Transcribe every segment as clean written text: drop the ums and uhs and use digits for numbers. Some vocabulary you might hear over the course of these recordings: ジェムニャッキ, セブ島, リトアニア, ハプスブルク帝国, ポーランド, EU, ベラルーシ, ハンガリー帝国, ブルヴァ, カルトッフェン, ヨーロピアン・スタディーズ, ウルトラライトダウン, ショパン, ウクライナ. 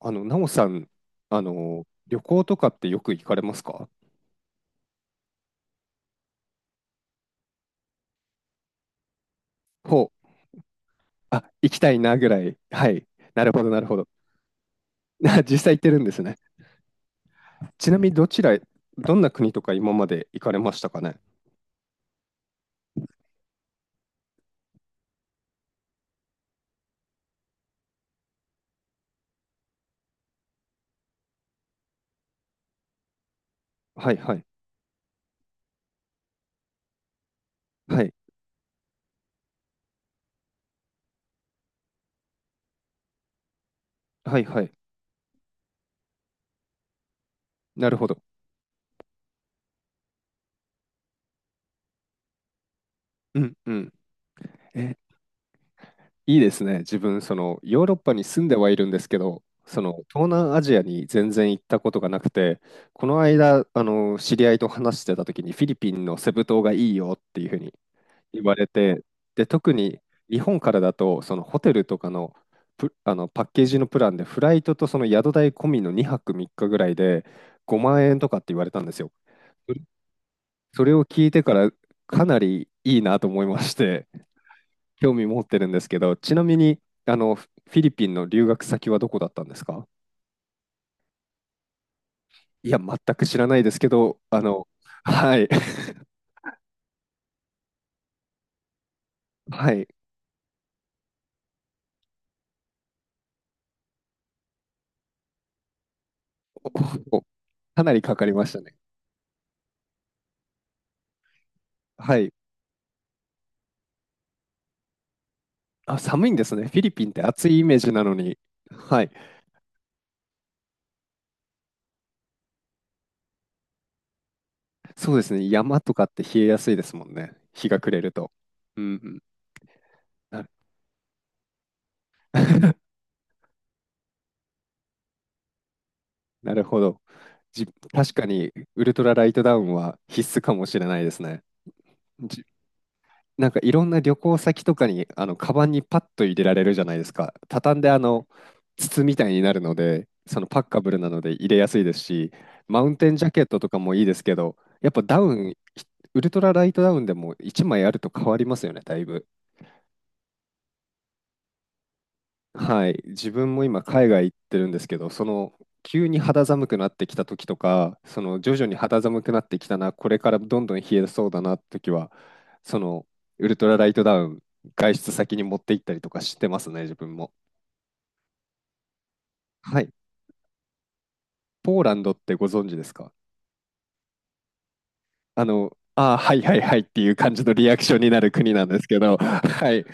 なおさん、旅行とかってよく行かれますか？ほう。あ、行きたいなぐらい。はい。なるほど、なるほど。実際行ってるんですね。ちなみにどちら、どんな国とか今まで行かれましたかね？はい、はい。はい、はい、はい。なるほど。うん、うん。え、いいですね。自分、その、ヨーロッパに住んではいるんですけど、その、東南アジアに全然行ったことがなくて、この間、知り合いと話してた時に、フィリピンのセブ島がいいよっていうふうに言われて、で、特に日本からだと、そのホテルとかの、プあのパッケージのプランで、フライトとその宿代込みの2泊3日ぐらいで5万円とかって言われたんですよ。それそれを聞いてからかなりいいなと思いまして、興味持ってるんですけど、ちなみにあのフィリピンの留学先はどこだったんですか？いや、全く知らないですけど、はい、はい、おお、かなりかかりましたね。はい。あ、寒いんですね。フィリピンって暑いイメージなのに。はい。そうですね。山とかって冷えやすいですもんね。日が暮れると。うんうん。なる なるほど。確かに、ウルトラライトダウンは必須かもしれないですね。なんかいろんな旅行先とかにあのカバンにパッと入れられるじゃないですか。畳んであの筒みたいになるので、そのパッカブルなので入れやすいですし、マウンテンジャケットとかもいいですけど、やっぱダウン、ウルトラライトダウンでも1枚あると変わりますよね、だいぶ。はい、自分も今海外行ってるんですけど、その急に肌寒くなってきた時とか、その徐々に肌寒くなってきたな、これからどんどん冷えそうだなって時は、そのウルトラライトダウン、外出先に持って行ったりとかしてますね、自分も。はい、ポーランドってご存知ですか？ああ、はいはいはいっていう感じのリアクションになる国なんですけど、はい、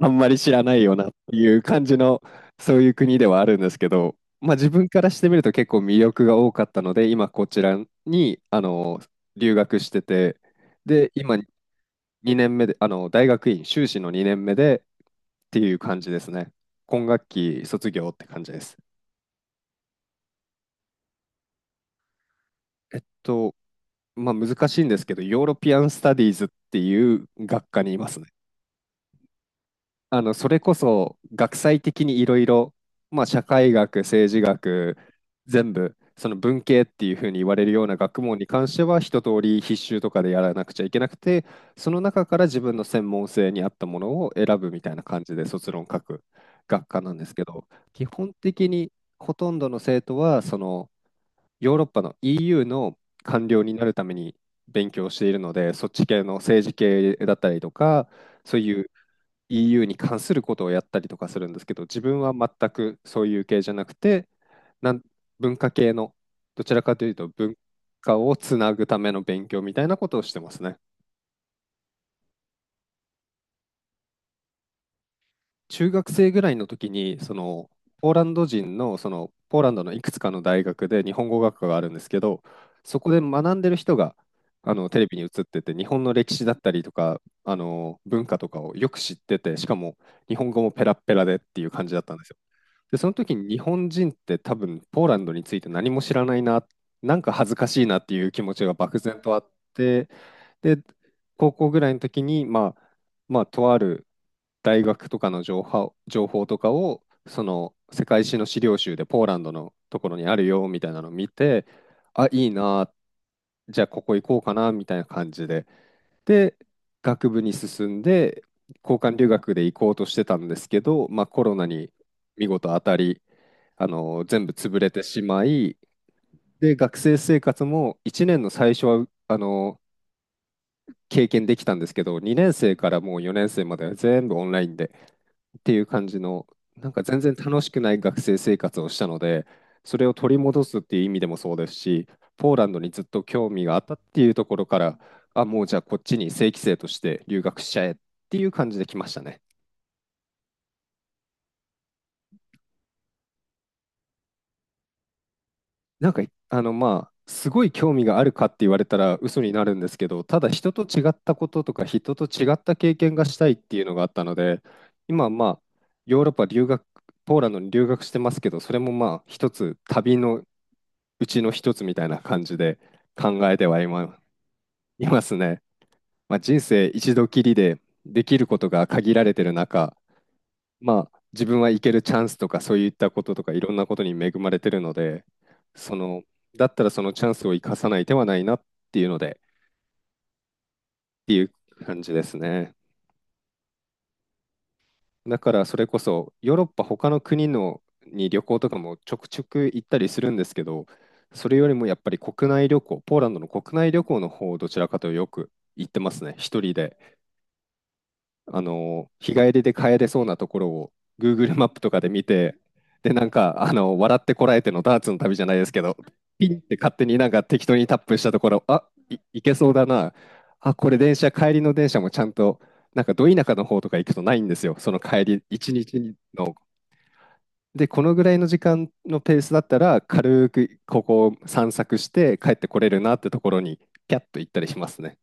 あんまり知らないよなっていう感じの、そういう国ではあるんですけど、まあ自分からしてみると結構魅力が多かったので、今こちらに、留学してて、で、今2年目で、大学院修士の2年目でっていう感じですね。今学期卒業って感じです。えっと、まあ難しいんですけど、ヨーロピアン・スタディーズっていう学科にいますね。それこそ学際的にいろいろ、まあ、社会学、政治学、全部、その文系っていうふうに言われるような学問に関しては、一通り必修とかでやらなくちゃいけなくて、その中から自分の専門性に合ったものを選ぶみたいな感じで卒論書く学科なんですけど、基本的にほとんどの生徒は、そのヨーロッパの EU の官僚になるために勉強しているので、そっち系の政治系だったりとか、そういう EU に関することをやったりとかするんですけど、自分は全くそういう系じゃなくて、なん文化系の、どちらかというと文化をつなぐための勉強みたいなことをしてますね。中学生ぐらいの時に、そのポーランド人の、そのポーランドのいくつかの大学で日本語学科があるんですけど、そこで学んでる人があのテレビに映ってて、日本の歴史だったりとか、あの文化とかをよく知ってて、しかも日本語もペラッペラでっていう感じだったんですよ。で、その時に日本人って多分ポーランドについて何も知らないな、なんか恥ずかしいなっていう気持ちが漠然とあって、で、高校ぐらいの時に、まあ、とある大学とかの情報、情報とかを、その世界史の資料集でポーランドのところにあるよみたいなのを見て、あ、いいな、じゃあここ行こうかなみたいな感じで。で、学部に進んで、交換留学で行こうとしてたんですけど、まあ、コロナに見事当たり、全部潰れてしまい、で、学生生活も1年の最初は、経験できたんですけど、2年生からもう4年生までは全部オンラインでっていう感じの、なんか全然楽しくない学生生活をしたので、それを取り戻すっていう意味でもそうですし、ポーランドにずっと興味があったっていうところから、あ、もうじゃあこっちに正規生として留学しちゃえっていう感じで来ましたね。なんか、まあ、すごい興味があるかって言われたら嘘になるんですけど、ただ人と違ったこととか人と違った経験がしたいっていうのがあったので、今まあ、ヨーロッパ留学、ポーランドに留学してますけど、それもまあ一つ旅のうちの一つみたいな感じで考えてはいますね。まあ、人生一度きりでできることが限られてる中、まあ、自分は行けるチャンスとかそういったこととかいろんなことに恵まれてるので、その、だったらそのチャンスを生かさない手はないなっていうので、っていう感じですね。だからそれこそヨーロッパ他の国のに旅行とかもちょくちょく行ったりするんですけど、それよりもやっぱり国内旅行、ポーランドの国内旅行の方をどちらかというとよく行ってますね、一人で。日帰りで帰れそうなところを Google マップとかで見て、で、なんか、笑ってこらえてのダーツの旅じゃないですけど、ピンって勝手になんか適当にタップしたところ、あ、いけそうだな。あ、これ電車、帰りの電車もちゃんと、なんかど田舎の方とか行くとないんですよ。その帰り、一日の。で、このぐらいの時間のペースだったら、軽くここを散策して帰ってこれるなってところに、キャッと行ったりしますね。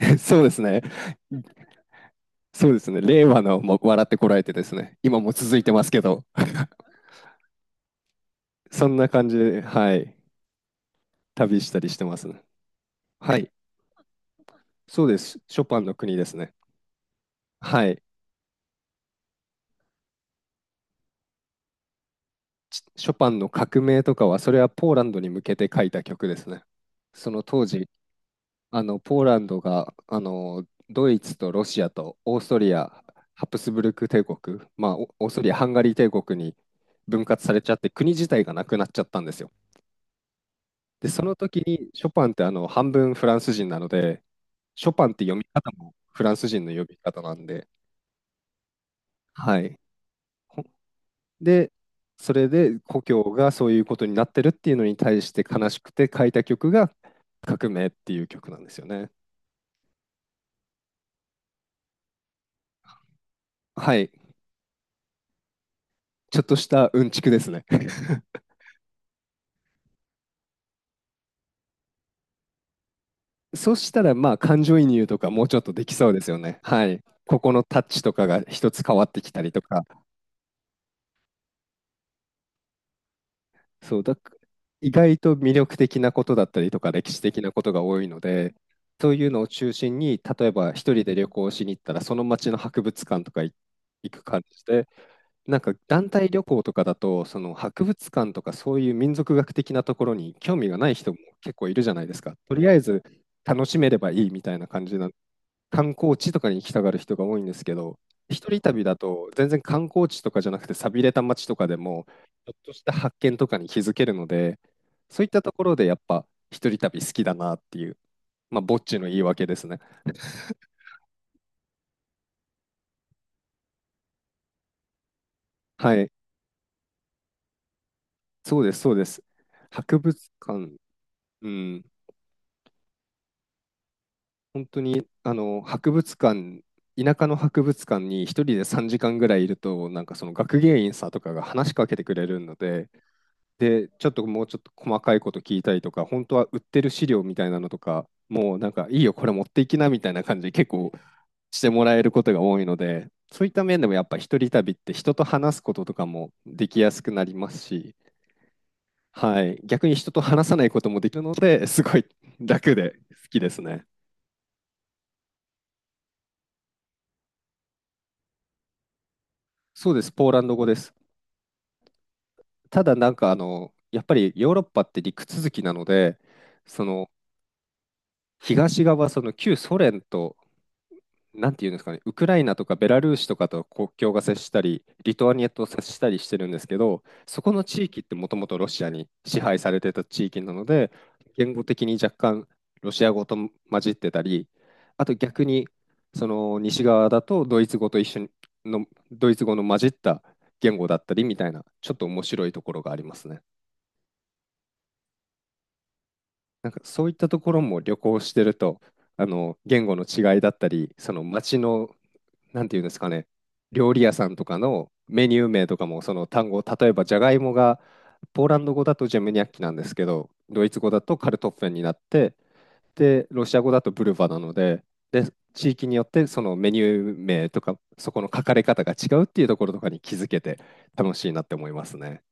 そうですね。そうですね。令和のも笑ってこられてですね。今も続いてますけど。そんな感じで、はい。旅したりしてますね。はい。そうです。ショパンの国ですね。はい。ショパンの革命とかは、それはポーランドに向けて書いた曲ですね。その当時、ポーランドが、ドイツとロシアとオーストリア、ハプスブルク帝国、まあ、オーストリア、ハンガリー帝国に分割されちゃって、国自体がなくなっちゃったんですよ。で、その時にショパンってあの半分フランス人なので、ショパンって読み方もフランス人の呼び方なんで、はい。ほで、それで故郷がそういうことになってるっていうのに対して悲しくて書いた曲が革命っていう曲なんですよね。はい。ちょっとしたうんちくですね。そうしたらまあ感情移入とかもうちょっとできそうですよね。はい。ここのタッチとかが一つ変わってきたりとか。そうだ、意外と魅力的なことだったりとか歴史的なことが多いので、そういうのを中心に、例えば一人で旅行しに行ったら、その町の博物館とか行く感じで、なんか団体旅行とかだと、その博物館とかそういう民族学的なところに興味がない人も結構いるじゃないですか。とりあえず楽しめればいいみたいな感じな観光地とかに行きたがる人が多いんですけど、一人旅だと全然観光地とかじゃなくて寂れた街とかでも、ちょっとした発見とかに気づけるので、そういったところでやっぱ一人旅好きだなっていう、まあ、ぼっちの言い訳ですね。はい、そうです、そうです。博物館、うん、本当に、あの、博物館、田舎の博物館に一人で3時間ぐらいいると、なんかその学芸員さんとかが話しかけてくれるので、で、ちょっともうちょっと細かいこと聞いたりとか、本当は売ってる資料みたいなのとか、もうなんかいいよ、これ持っていきなみたいな感じで結構してもらえることが多いので、そういった面でもやっぱ一人旅って人と話すこととかもできやすくなりますし、はい、逆に人と話さないこともできるので、すごい楽で好きですね。そうです、ポーランド語です。ただなんかあの、やっぱりヨーロッパって陸続きなので、その東側、その旧ソ連となんていうんですかね、ウクライナとかベラルーシとかと国境が接したり、リトアニアと接したりしてるんですけど、そこの地域ってもともとロシアに支配されてた地域なので、言語的に若干ロシア語と混じってたり、あと逆にその西側だとドイツ語と一緒にのドイツ語の混じった言語だったりみたいな、ちょっと面白いところがありますね。なんかそういったところも旅行してると、あの言語の違いだったり、その街のなんていうんですかね、料理屋さんとかのメニュー名とかもその単語、例えばじゃがいもがポーランド語だとジェムニャッキなんですけど、ドイツ語だとカルトッフェンになって、で、ロシア語だとブルヴァなので、で、地域によってそのメニュー名とか、そこの書かれ方が違うっていうところとかに気づけて楽しいなって思いますね。